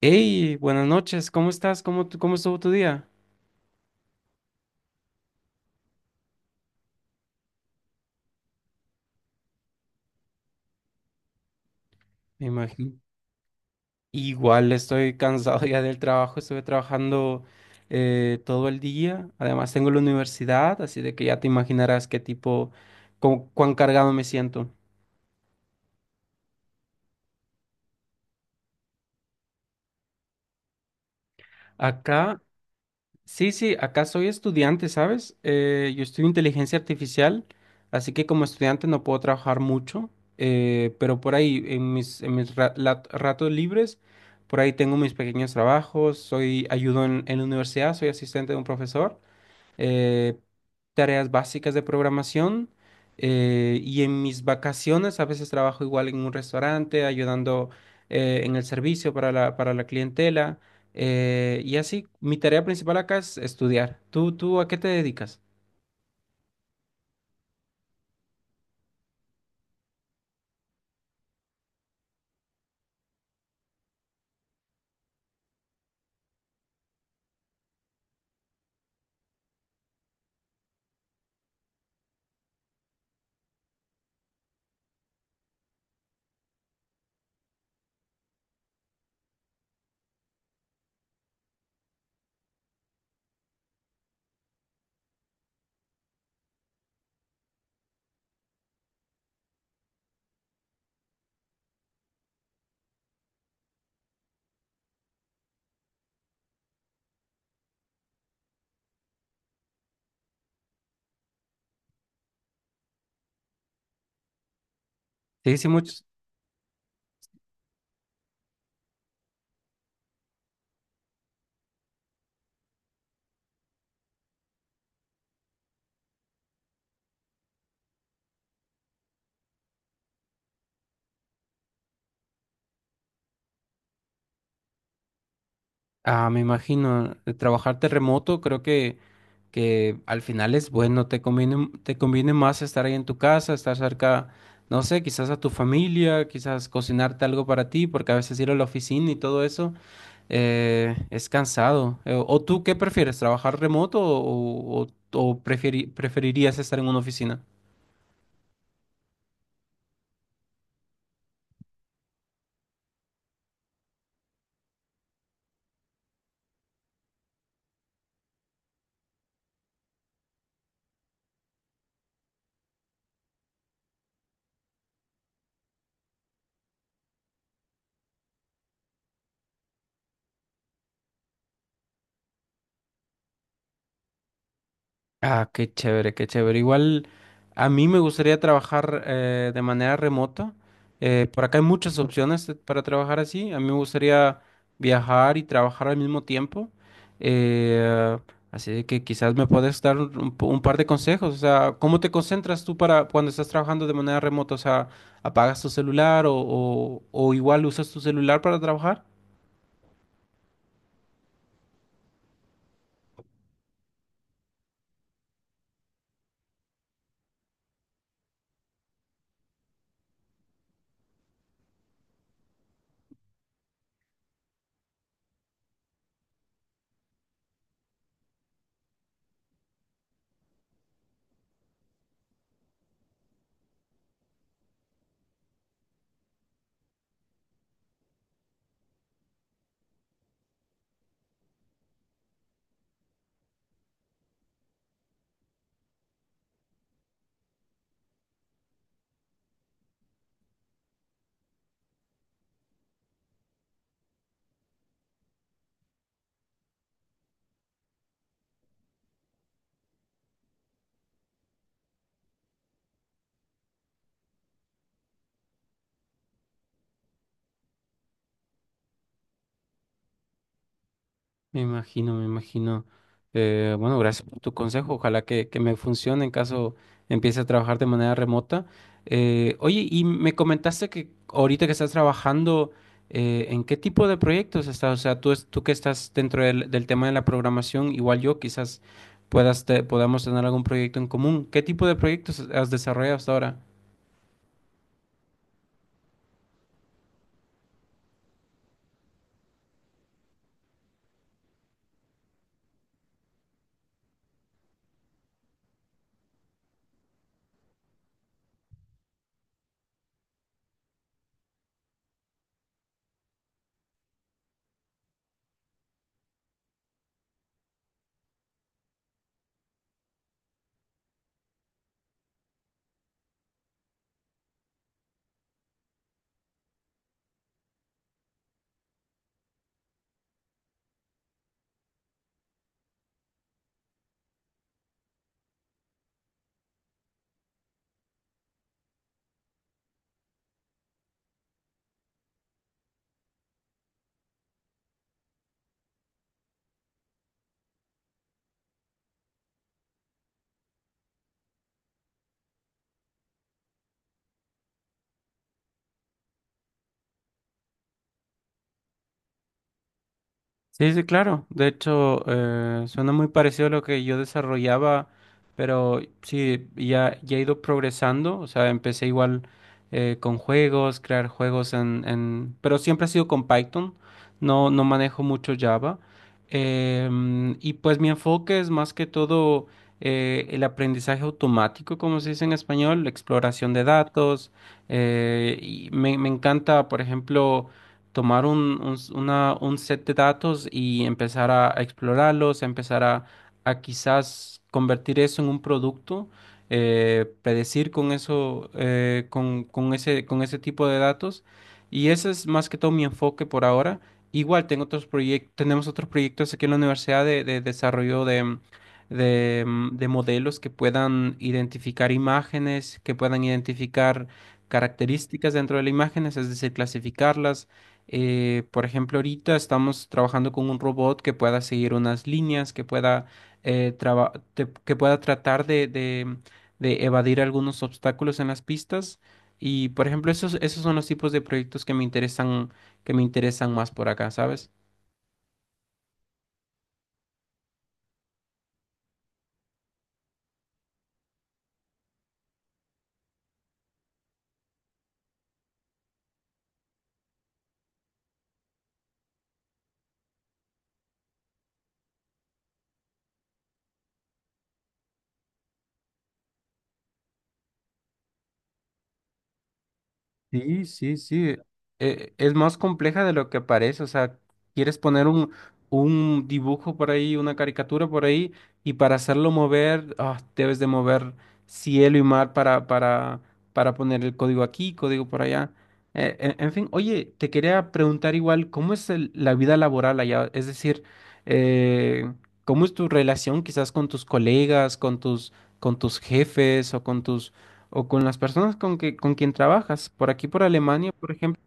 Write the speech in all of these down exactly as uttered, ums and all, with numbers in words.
Hey, buenas noches, ¿cómo estás? ¿Cómo, tu- cómo estuvo tu día? Me imagino. Igual estoy cansado ya del trabajo, estuve trabajando eh, todo el día. Además tengo la universidad, así de que ya te imaginarás qué tipo, cu- cuán cargado me siento. Acá sí, sí, acá soy estudiante, ¿sabes? Eh, yo estudio inteligencia artificial, así que como estudiante no puedo trabajar mucho, eh, pero por ahí en mis, en mis ra- lat- ratos libres, por ahí tengo mis pequeños trabajos, soy ayudo en, en la universidad, soy asistente de un profesor eh, tareas básicas de programación. Eh, y en mis vacaciones a veces trabajo igual en un restaurante, ayudando eh, en el servicio para la, para la clientela. Eh, y así, mi tarea principal acá es estudiar. ¿Tú, tú a qué te dedicas? Sí, sí, muchos. Ah, me imagino. Eh, trabajarte remoto, creo que que al final es bueno, te conviene, te conviene más estar ahí en tu casa, estar cerca, no sé, quizás a tu familia, quizás cocinarte algo para ti, porque a veces ir a la oficina y todo eso eh, es cansado. Eh, ¿O tú qué prefieres, trabajar remoto o, o- o preferi- preferirías estar en una oficina? Ah, qué chévere, qué chévere. Igual a mí me gustaría trabajar eh, de manera remota. Eh, por acá hay muchas opciones de- para trabajar así. A mí me gustaría viajar y trabajar al mismo tiempo. Eh, Así de que quizás me puedes dar un, un po- un par de consejos. O sea, ¿cómo te concentras tú para cuando estás trabajando de manera remota? O sea, ¿apagas tu celular o, o o igual usas tu celular para trabajar? Me imagino, me imagino. Eh, bueno, gracias por tu consejo. Ojalá que, que me funcione en caso empiece a trabajar de manera remota. Eh, oye, y me comentaste que ahorita que estás trabajando, eh, ¿en qué tipo de proyectos estás? O sea, tú, es- tú que estás dentro del, del tema de la programación, igual yo, quizás puedas te- podamos tener algún proyecto en común. ¿Qué tipo de proyectos has desarrollado hasta ahora? Sí, sí, claro. De hecho, eh, suena muy parecido a lo que yo desarrollaba, pero sí, ya, ya he ido progresando. O sea, empecé igual eh, con juegos, crear juegos en, en... Pero siempre ha sido con Python. No, no manejo mucho Java. Em, y pues mi enfoque es más que todo eh, el aprendizaje automático, como se dice en español, la exploración de datos. Eh, y me, me encanta, por ejemplo tomar un, un s- una- un set de datos y empezar a, a explorarlos, a empezar a, a quizás convertir eso en un producto, eh, predecir con eso, eh, con, con ese, con ese tipo de datos. Y ese es más que todo mi enfoque por ahora. Igual tengo otros proyectos, tenemos otros proyectos aquí en la universidad de, de desarrollo de, de, mm, de modelos que puedan identificar imágenes, que puedan identificar características dentro de las imágenes, es decir, clasificarlas eh, por ejemplo, ahorita estamos trabajando con un robot que pueda seguir unas líneas, que pueda, eh, traba- te- que pueda tratar de, de- de evadir algunos obstáculos en las pistas. Y, por ejemplo, esos, esos son los tipos de proyectos que me interesan, que me interesan más por acá, ¿sabes? Sí, sí, sí. Eh, es más compleja de lo que parece. O sea, quieres poner un, un dibujo por ahí, una caricatura por ahí, y para hacerlo mover, ah, debes de mover cielo y mar para, para, para poner el código aquí, código por allá. Eh, en, en fin, oye, te quería preguntar igual, ¿cómo es el- la vida laboral allá? Es decir, eh, ¿cómo es tu relación quizás con tus colegas, con tus, con tus jefes o o con las personas con que con quien trabajas. Por aquí, por Alemania, por ejemplo,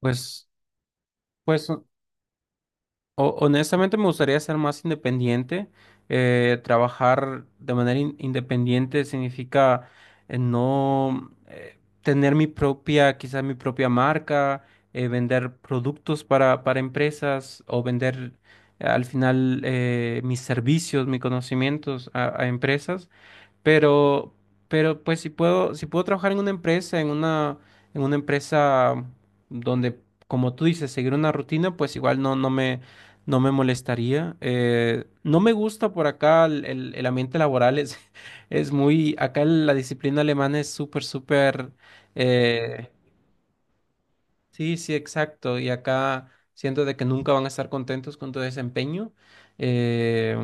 pues, pues o- honestamente me gustaría ser más independiente. Eh, trabajar de manera in- independiente significa eh, no eh, tener mi propia, quizás mi propia marca, eh, vender productos para, para empresas o vender eh, al final eh, mis servicios, mis conocimientos a a empresas. Pero, pero pues si puedo, si puedo trabajar en una empresa, en una, en una empresa donde, como tú dices, seguir una rutina, pues igual no, no me, no me molestaría. Eh, no me gusta por acá el, el- el ambiente laboral, es, es muy, acá la disciplina alemana es súper, súper, eh, sí, sí, exacto. Y acá siento de que nunca van a estar contentos con tu desempeño. eh,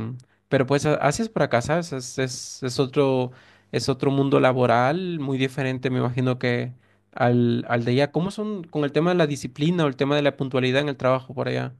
pero pues a- así es por acá, ¿sabes? Es, es, es otro, es otro mundo laboral muy diferente, me imagino que al, al de allá. ¿Cómo son con el tema de la disciplina o el tema de la puntualidad en el trabajo por allá?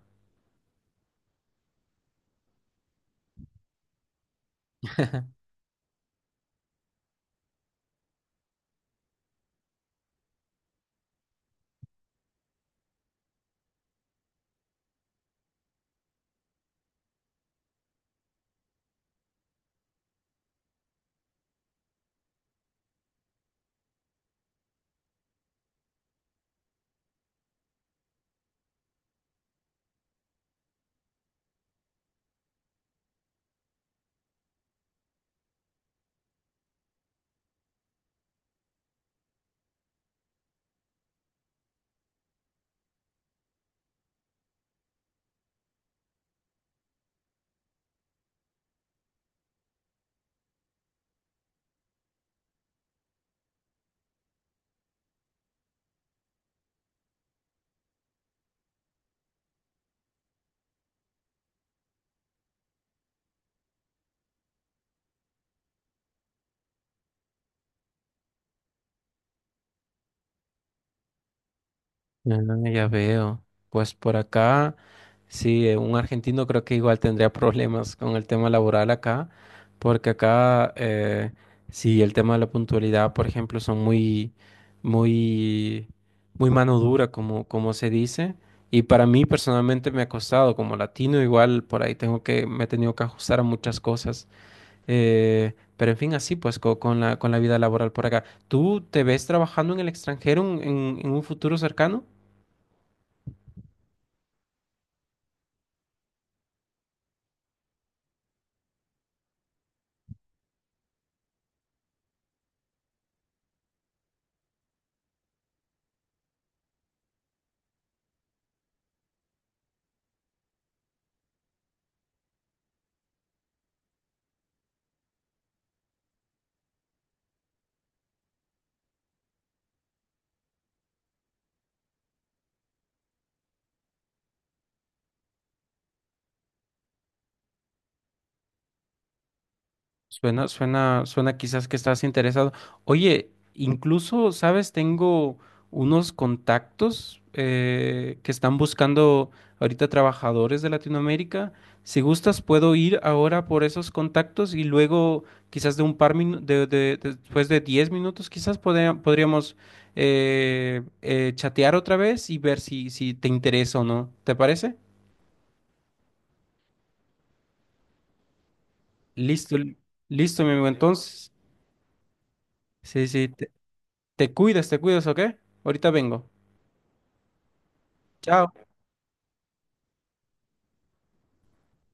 Ah, ya veo. Pues por acá. Sí, eh, un argentino creo que igual tendría problemas con el tema laboral acá, porque acá eh, sí el tema de la puntualidad, por ejemplo, son muy, muy, muy mano dura, como, como se dice. Y para mí personalmente me ha costado, como latino, igual por ahí tengo que, me he tenido que ajustar a muchas cosas. Eh, pero en fin, así pues co- con la, con la vida laboral por acá. ¿Tú te ves trabajando en el extranjero en en- en un futuro cercano? Suena, suena, suena quizás que estás interesado. Oye, incluso, ¿sabes? Tengo unos contactos eh, que están buscando ahorita trabajadores de Latinoamérica. Si gustas, puedo ir ahora por esos contactos y luego quizás de un par minu- de, de- de- después de diez minutos, quizás podría- podríamos eh, eh, chatear otra vez y ver si, si te interesa o no. ¿Te parece? Listo, listo, mi amigo. Entonces, sí, sí. Te cuidas, te cuidas, ¿ok? Ahorita vengo. Chao.